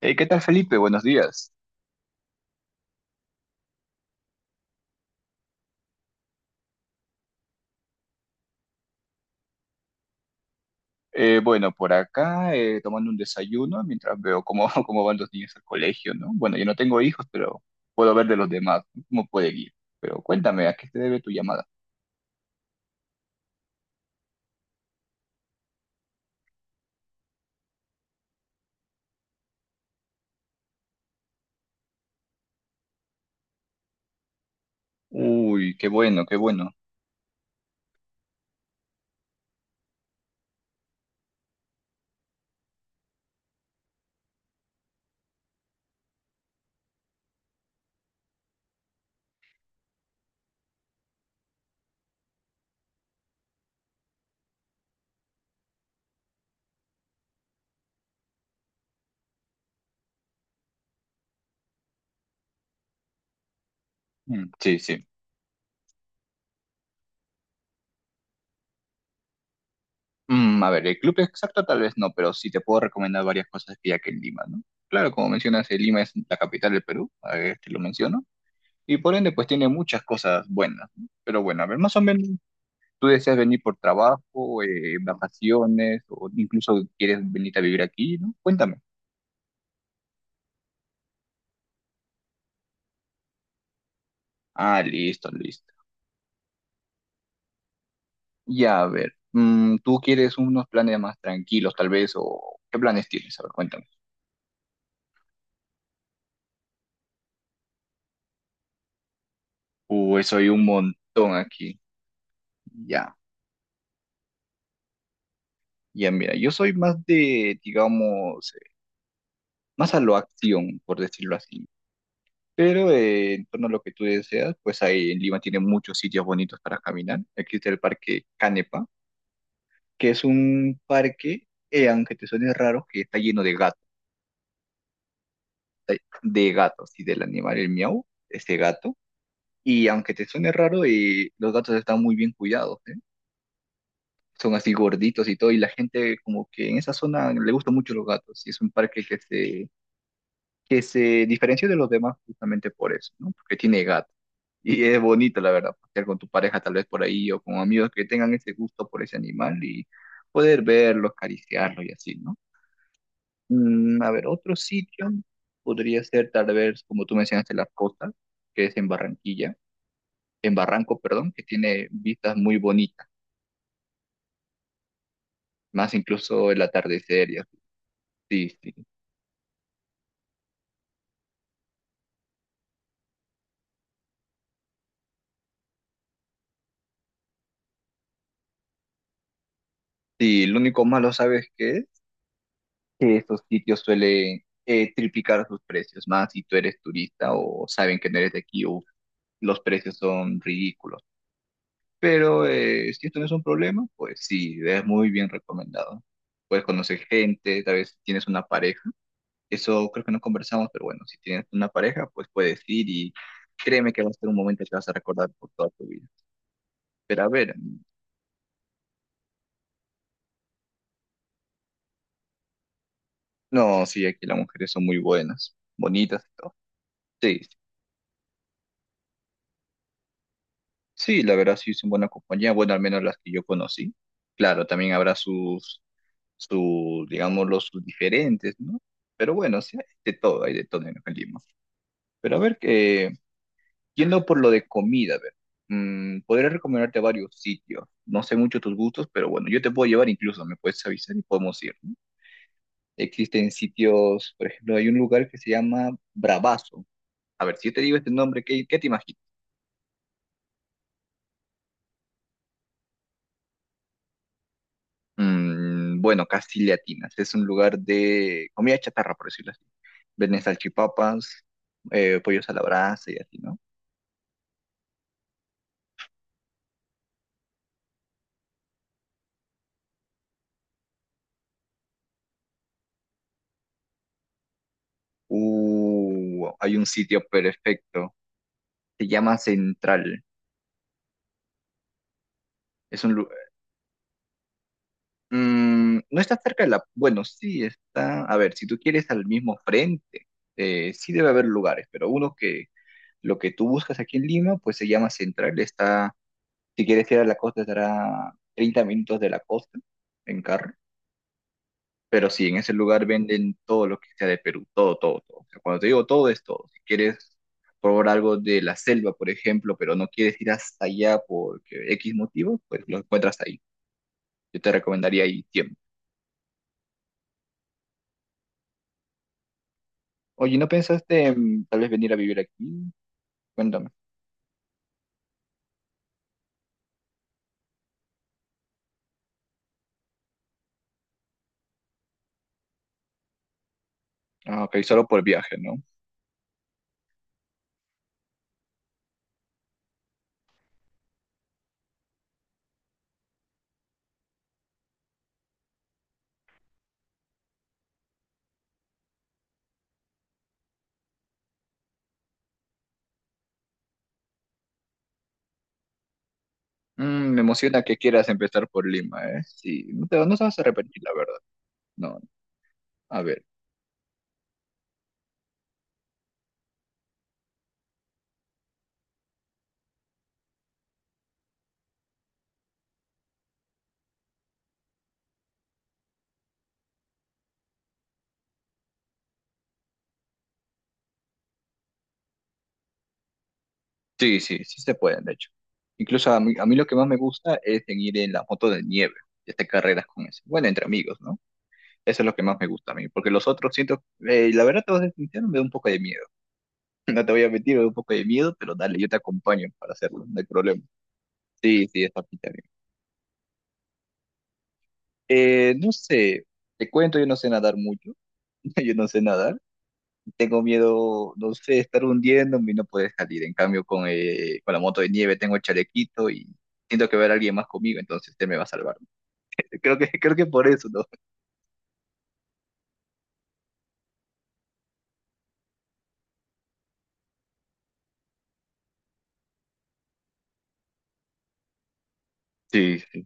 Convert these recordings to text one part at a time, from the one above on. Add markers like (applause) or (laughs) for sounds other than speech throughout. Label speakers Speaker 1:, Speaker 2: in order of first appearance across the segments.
Speaker 1: ¿Qué tal, Felipe? Buenos días. Bueno, por acá tomando un desayuno mientras veo cómo, (laughs) cómo van los niños al colegio, ¿no? Bueno, yo no tengo hijos, pero puedo ver de los demás, ¿no?, cómo puede ir. Pero cuéntame, ¿a qué se debe tu llamada? Uy, qué bueno, qué bueno. Mm, sí, sí. A ver, el club exacto tal vez no, pero sí te puedo recomendar varias cosas que hay aquí en Lima, ¿no? Claro, como mencionas, Lima es la capital del Perú, a ver, te lo menciono, y por ende pues tiene muchas cosas buenas, ¿no? Pero bueno, a ver, más o menos tú deseas venir por trabajo, vacaciones, o incluso quieres venir a vivir aquí, ¿no? Cuéntame. Ah, listo, listo. Ya, a ver, ¿tú quieres unos planes más tranquilos, tal vez? ¿O qué planes tienes? A ver, cuéntame. Uy, soy un montón aquí. Ya, ya, mira, yo soy más de, digamos, más a lo acción, por decirlo así. Pero en torno a lo que tú deseas, pues ahí en Lima tiene muchos sitios bonitos para caminar. Existe el Parque Canepa, que es un parque, aunque te suene raro, que está lleno de gatos y del animal, el miau, este gato. Y aunque te suene raro, los gatos están muy bien cuidados, ¿eh? Son así gorditos y todo, y la gente como que en esa zona le gustan mucho los gatos, y es un parque que se diferencia de los demás justamente por eso, ¿no? Porque tiene gatos. Y es bonito, la verdad, pasear con tu pareja tal vez por ahí o con amigos que tengan ese gusto por ese animal y poder verlo, acariciarlo y así, ¿no? A ver, otro sitio podría ser tal vez, como tú mencionaste, la costa, que es en Barranquilla, en Barranco, perdón, que tiene vistas muy bonitas, más incluso el atardecer y así. Sí, sí. Sí, lo único malo, ¿sabes qué es? Que estos sitios suelen triplicar sus precios, más si tú eres turista o saben que no eres de aquí, uf, los precios son ridículos. Pero si esto no es un problema, pues sí, es muy bien recomendado. Puedes conocer gente, tal vez si tienes una pareja. Eso creo que no conversamos, pero bueno, si tienes una pareja, pues puedes ir y créeme que va a ser un momento que vas a recordar por toda tu vida. Pero a ver, no, sí, aquí las mujeres son muy buenas, bonitas y todo. Sí, sí, la verdad sí son buena compañía, bueno, al menos las que yo conocí. Claro, también habrá sus, digámoslo, sus diferentes, ¿no? Pero bueno, sí, hay de todo en Lima. Pero a ver, yendo por lo de comida, a ver, podría recomendarte varios sitios. No sé mucho tus gustos, pero bueno, yo te puedo llevar incluso, me puedes avisar y podemos ir, ¿no? Existen sitios, por ejemplo, hay un lugar que se llama Bravazo. A ver, si yo te digo este nombre, ¿qué te imaginas? Bueno, casi le atinas. Es un lugar de comida chatarra, por decirlo así. Venden salchipapas, pollos a la brasa y así, ¿no? Hay un sitio perfecto. Se llama Central. Es un, lu- no está cerca de la, bueno, sí, está. A ver, si tú quieres al mismo frente, sí debe haber lugares, pero uno que lo que tú buscas aquí en Lima, pues se llama Central. Está, si quieres ir a la costa, estará 30 minutos de la costa en carro. Pero sí, en ese lugar venden todo lo que sea de Perú, todo, todo, todo. O sea, cuando te digo todo, es todo. Si quieres probar algo de la selva, por ejemplo, pero no quieres ir hasta allá por X motivo, pues lo encuentras ahí. Yo te recomendaría ahí tiempo. Oye, ¿no pensaste en tal vez venir a vivir aquí? Cuéntame. Ah, ok, solo por viaje, ¿no? Me emociona que quieras empezar por Lima, ¿eh? Sí, no te vas a arrepentir, la verdad. No, a ver. Sí, sí, sí se pueden, de hecho. Incluso a mí lo que más me gusta es en ir en la moto de nieve y hacer carreras con eso. Bueno, entre amigos, ¿no? Eso es lo que más me gusta a mí, porque los otros siento, la verdad te vas a ser sincero, me da un poco de miedo. (laughs) No te voy a mentir, me da un poco de miedo, pero dale, yo te acompaño para hacerlo, no hay problema. Sí, sí, está. No sé, te cuento, yo no sé nadar mucho, (laughs) yo no sé nadar, tengo miedo, no sé, estar hundiéndome y no poder salir. En cambio, con la moto de nieve tengo el chalequito y siento que va a haber alguien más conmigo, entonces él me va a salvar. Creo que, (laughs) creo que por eso, ¿no? Sí,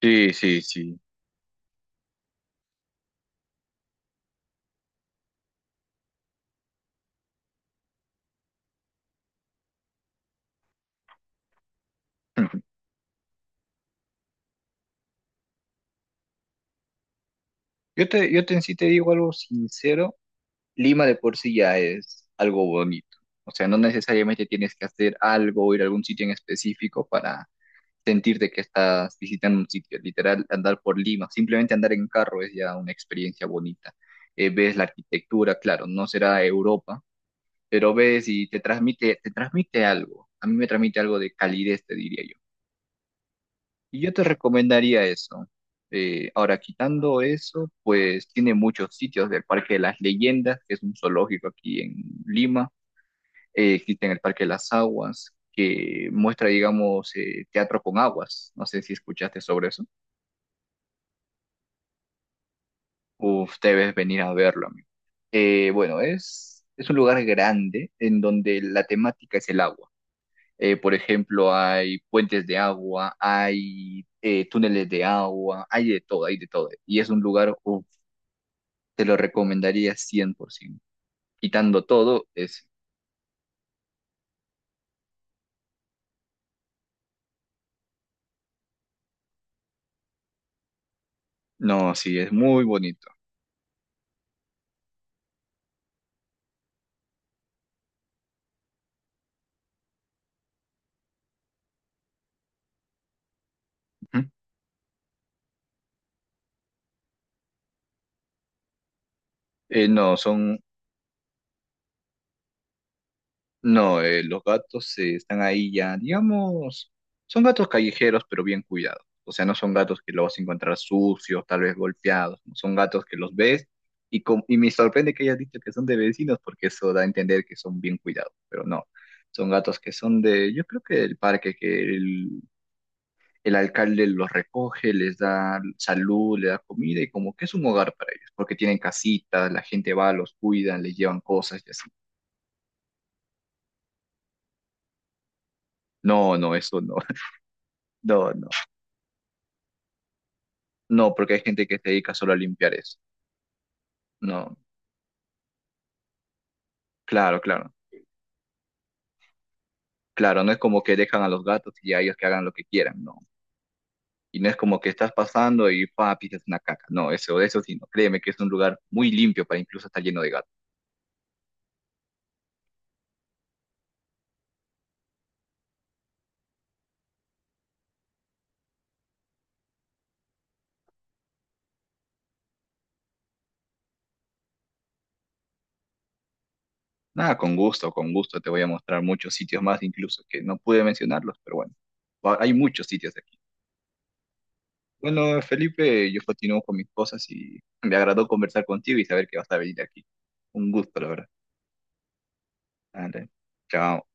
Speaker 1: sí, sí, sí. (laughs) Yo te, en sí te digo algo sincero, Lima de por sí ya es algo bonito. O sea, no necesariamente tienes que hacer algo o ir a algún sitio en específico para sentirte que estás visitando un sitio, literal, andar por Lima, simplemente andar en carro es ya una experiencia bonita. Ves la arquitectura, claro, no será Europa, pero ves y te transmite algo. A mí me transmite algo de calidez, te diría yo. Y yo te recomendaría eso. Ahora, quitando eso, pues tiene muchos sitios del Parque de las Leyendas, que es un zoológico aquí en Lima. Existe en el Parque de las Aguas, que muestra, digamos, teatro con aguas. No sé si escuchaste sobre eso. Uf, debes venir a verlo, amigo. Bueno, es un lugar grande en donde la temática es el agua. Por ejemplo, hay puentes de agua, hay túneles de agua, hay de todo, hay de todo. Y es un lugar, uf, te lo recomendaría 100%. Quitando todo, es. No, sí, es muy bonito. Ujú. No, son No, los gatos están ahí ya, digamos, son gatos callejeros, pero bien cuidados. O sea, no son gatos que los vas a encontrar sucios, tal vez golpeados. No, son gatos que los ves y me sorprende que hayas dicho que son de vecinos porque eso da a entender que son bien cuidados, pero no. Son gatos que son de, yo creo que del parque, que el alcalde los recoge, les da salud, les da comida y como que es un hogar para ellos, porque tienen casitas, la gente va, los cuidan, les llevan cosas y así. No, no, eso no. (laughs) No, no. No, porque hay gente que se dedica solo a limpiar eso. No, claro, claro. Claro, no es como que dejan a los gatos y a ellos que hagan lo que quieran, no. Y no es como que estás pasando y pisas una caca. No, eso sí, no. Créeme que es un lugar muy limpio para incluso estar lleno de gatos. Nada, con gusto, con gusto. Te voy a mostrar muchos sitios más, incluso que no pude mencionarlos, pero bueno, hay muchos sitios aquí. Bueno, Felipe, yo continúo con mis cosas y me agradó conversar contigo y saber que vas a venir aquí. Un gusto, la verdad. Dale, chao.